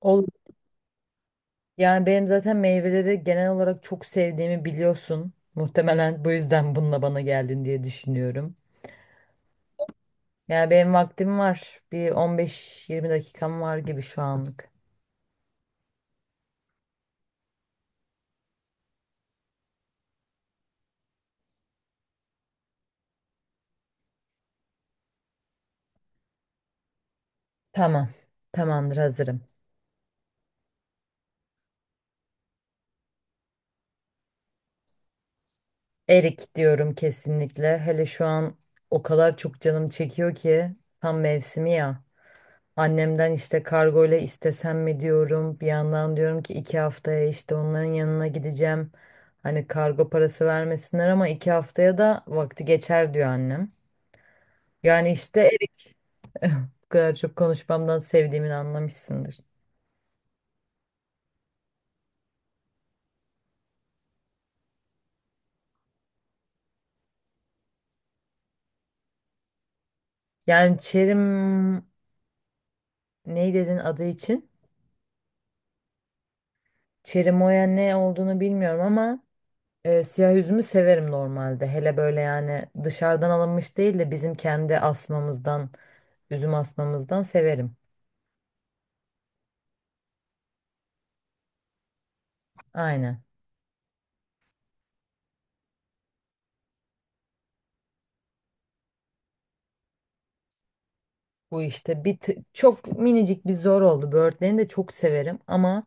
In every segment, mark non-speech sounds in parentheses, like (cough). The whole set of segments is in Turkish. Olur. Yani benim zaten meyveleri genel olarak çok sevdiğimi biliyorsun. Muhtemelen bu yüzden bununla bana geldin diye düşünüyorum. Yani benim vaktim var. Bir 15-20 dakikam var gibi şu anlık. Tamam. Tamamdır hazırım. Erik diyorum kesinlikle. Hele şu an o kadar çok canım çekiyor ki tam mevsimi ya. Annemden işte kargo ile istesem mi diyorum. Bir yandan diyorum ki iki haftaya işte onların yanına gideceğim. Hani kargo parası vermesinler ama iki haftaya da vakti geçer diyor annem. Yani işte Erik bu kadar çok konuşmamdan sevdiğimi anlamışsındır. Yani Çerim ne dedin adı için? Çerimoya ne olduğunu bilmiyorum ama siyah üzümü severim normalde. Hele böyle yani dışarıdan alınmış değil de bizim kendi asmamızdan, üzüm asmamızdan severim. Aynen. Bu işte çok minicik bir zor oldu. Böğürtlerini de çok severim ama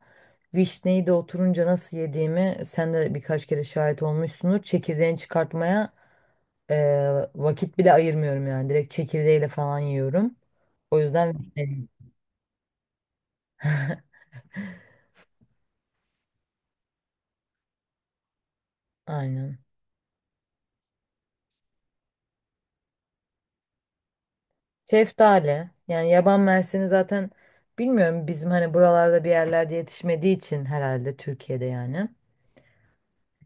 vişneyi de oturunca nasıl yediğimi sen de birkaç kere şahit olmuşsundur. Çekirdeğini çıkartmaya e, vakit bile ayırmıyorum yani. Direkt çekirdeğiyle falan yiyorum. O yüzden vişne. Aynen. Şeftali. Yani yaban mersini zaten bilmiyorum bizim hani buralarda bir yerlerde yetişmediği için herhalde Türkiye'de yani.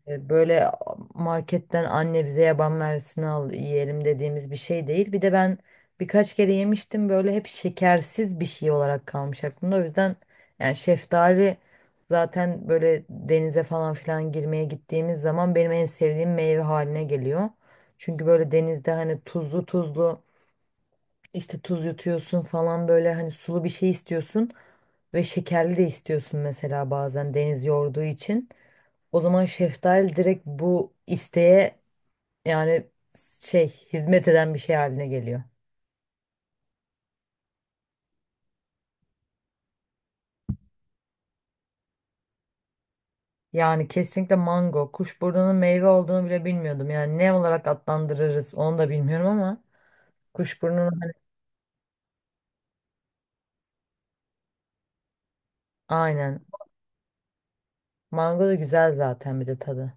Böyle marketten anne bize yaban mersini al yiyelim dediğimiz bir şey değil. Bir de ben birkaç kere yemiştim böyle hep şekersiz bir şey olarak kalmış aklımda. O yüzden yani şeftali zaten böyle denize falan filan girmeye gittiğimiz zaman benim en sevdiğim meyve haline geliyor. Çünkü böyle denizde hani tuzlu tuzlu işte tuz yutuyorsun falan böyle hani sulu bir şey istiyorsun ve şekerli de istiyorsun mesela bazen deniz yorduğu için. O zaman şeftali direkt bu isteğe yani şey hizmet eden bir şey haline geliyor. Yani kesinlikle mango. Kuşburnunun meyve olduğunu bile bilmiyordum. Yani ne olarak adlandırırız onu da bilmiyorum ama kuşburnunun hani aynen. Mango da güzel zaten bir de tadı.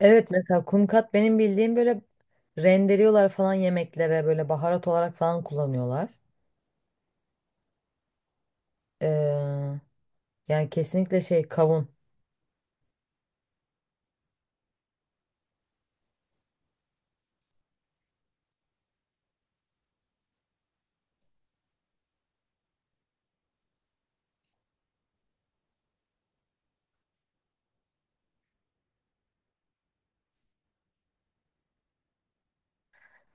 Evet mesela kumkat benim bildiğim böyle rendeliyorlar falan yemeklere böyle baharat olarak falan kullanıyorlar. Ee, Yani kesinlikle şey kavun.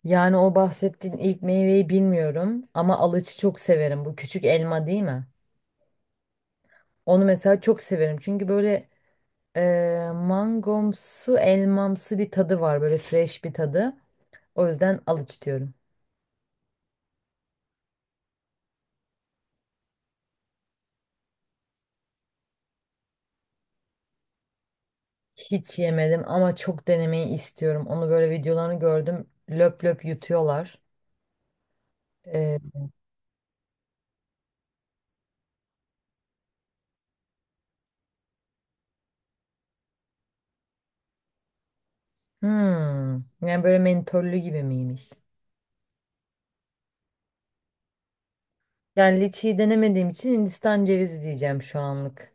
Yani o bahsettiğin ilk meyveyi bilmiyorum ama alıcı çok severim. Bu küçük elma değil mi? Onu mesela çok severim. Çünkü böyle mangomsu, elmamsı bir tadı var. Böyle fresh bir tadı. O yüzden alıç diyorum. Hiç yemedim ama çok denemeyi istiyorum. Onu böyle videolarını gördüm. Löp löp yutuyorlar. E, hmm, yani böyle mentollü gibi miymiş? Yani liçiyi denemediğim için Hindistan cevizi diyeceğim şu anlık.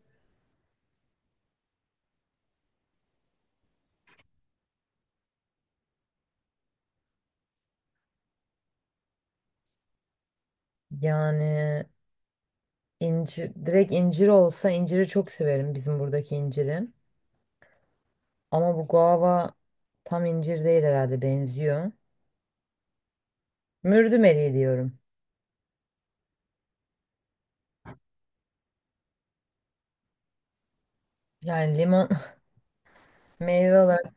Yani İncir, direkt incir olsa inciri çok severim bizim buradaki inciri. Ama bu guava tam incir değil herhalde benziyor. Mürdüm eriği diyorum. Yani limon (laughs) meyve olarak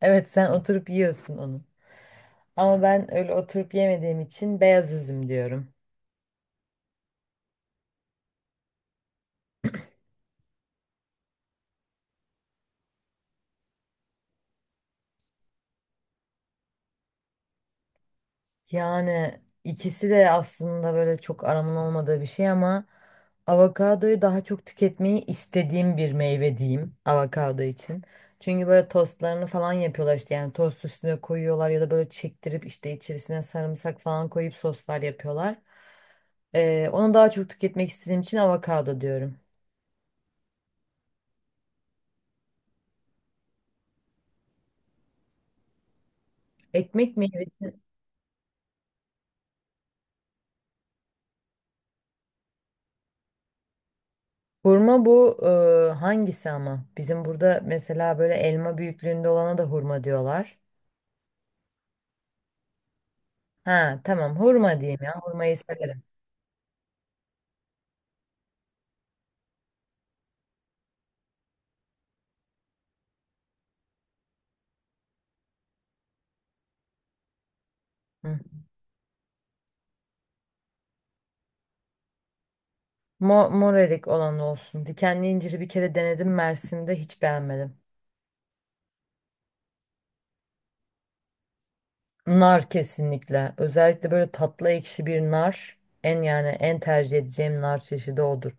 evet sen oturup yiyorsun onu. Ama ben öyle oturup yemediğim için beyaz üzüm diyorum. Yani ikisi de aslında böyle çok aramın olmadığı bir şey ama avokadoyu daha çok tüketmeyi istediğim bir meyve diyeyim avokado için. Çünkü böyle tostlarını falan yapıyorlar işte yani tost üstüne koyuyorlar ya da böyle çektirip işte içerisine sarımsak falan koyup soslar yapıyorlar. Onu daha çok tüketmek istediğim için avokado diyorum. Ekmek meyvesi. Hurma bu hangisi ama? Bizim burada mesela böyle elma büyüklüğünde olana da hurma diyorlar. Ha tamam hurma diyeyim ya. Hurmayı severim. Hı. Mor erik olan olsun. Dikenli inciri bir kere denedim Mersin'de hiç beğenmedim. Nar kesinlikle. Özellikle böyle tatlı ekşi bir nar. En yani en tercih edeceğim nar çeşidi odur.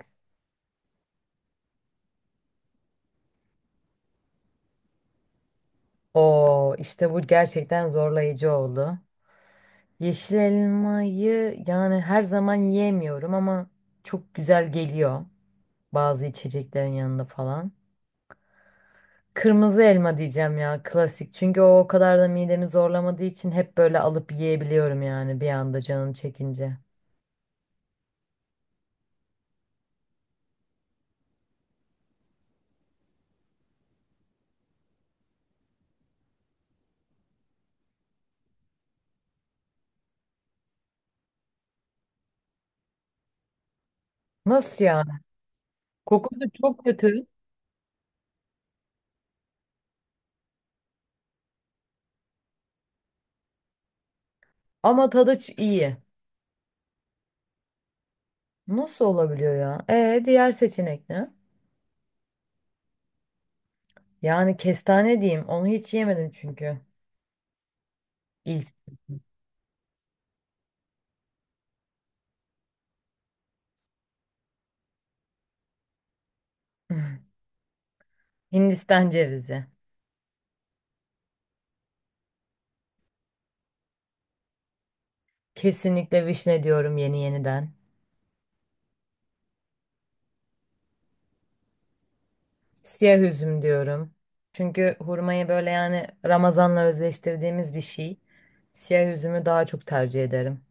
Oo işte bu gerçekten zorlayıcı oldu. Yeşil elmayı yani her zaman yiyemiyorum ama çok güzel geliyor. Bazı içeceklerin yanında falan. Kırmızı elma diyeceğim ya klasik. Çünkü o kadar da midemi zorlamadığı için hep böyle alıp yiyebiliyorum yani bir anda canım çekince. Nasıl yani? Kokusu çok kötü ama tadı iyi. Nasıl olabiliyor ya? E diğer seçenek ne? Yani kestane diyeyim. Onu hiç yemedim çünkü. İlk. (laughs) Hindistan cevizi. Kesinlikle vişne diyorum yeni yeniden. Siyah üzüm diyorum. Çünkü hurmayı böyle yani Ramazan'la özleştirdiğimiz bir şey. Siyah üzümü daha çok tercih ederim.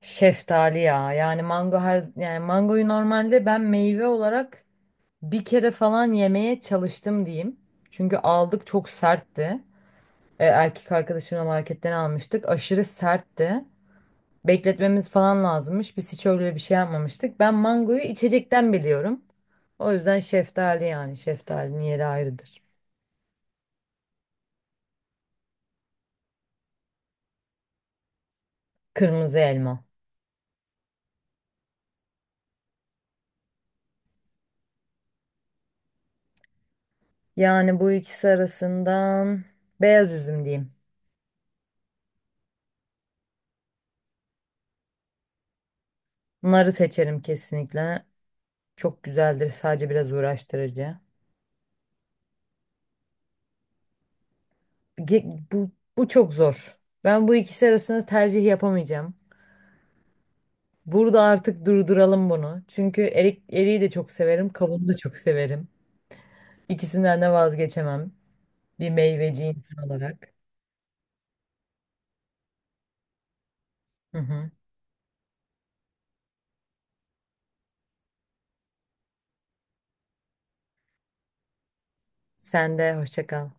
Şeftali ya. Yani mango her yani mangoyu normalde ben meyve olarak bir kere falan yemeye çalıştım diyeyim. Çünkü aldık çok sertti. Erkek arkadaşımla marketten almıştık. Aşırı sertti. Bekletmemiz falan lazımmış. Biz hiç öyle bir şey yapmamıştık. Ben mangoyu içecekten biliyorum. O yüzden şeftali yani şeftalinin yeri ayrıdır. Kırmızı elma. Yani bu ikisi arasından beyaz üzüm diyeyim. Narı seçerim kesinlikle. Çok güzeldir, sadece biraz uğraştırıcı. Bu, bu çok zor. Ben bu ikisi arasında tercih yapamayacağım. Burada artık durduralım bunu. Çünkü erik, eriği de çok severim, kabuğunu da çok severim. İkisinden de vazgeçemem. Bir meyveci insan olarak. Hı hı. Sen de hoşça kal.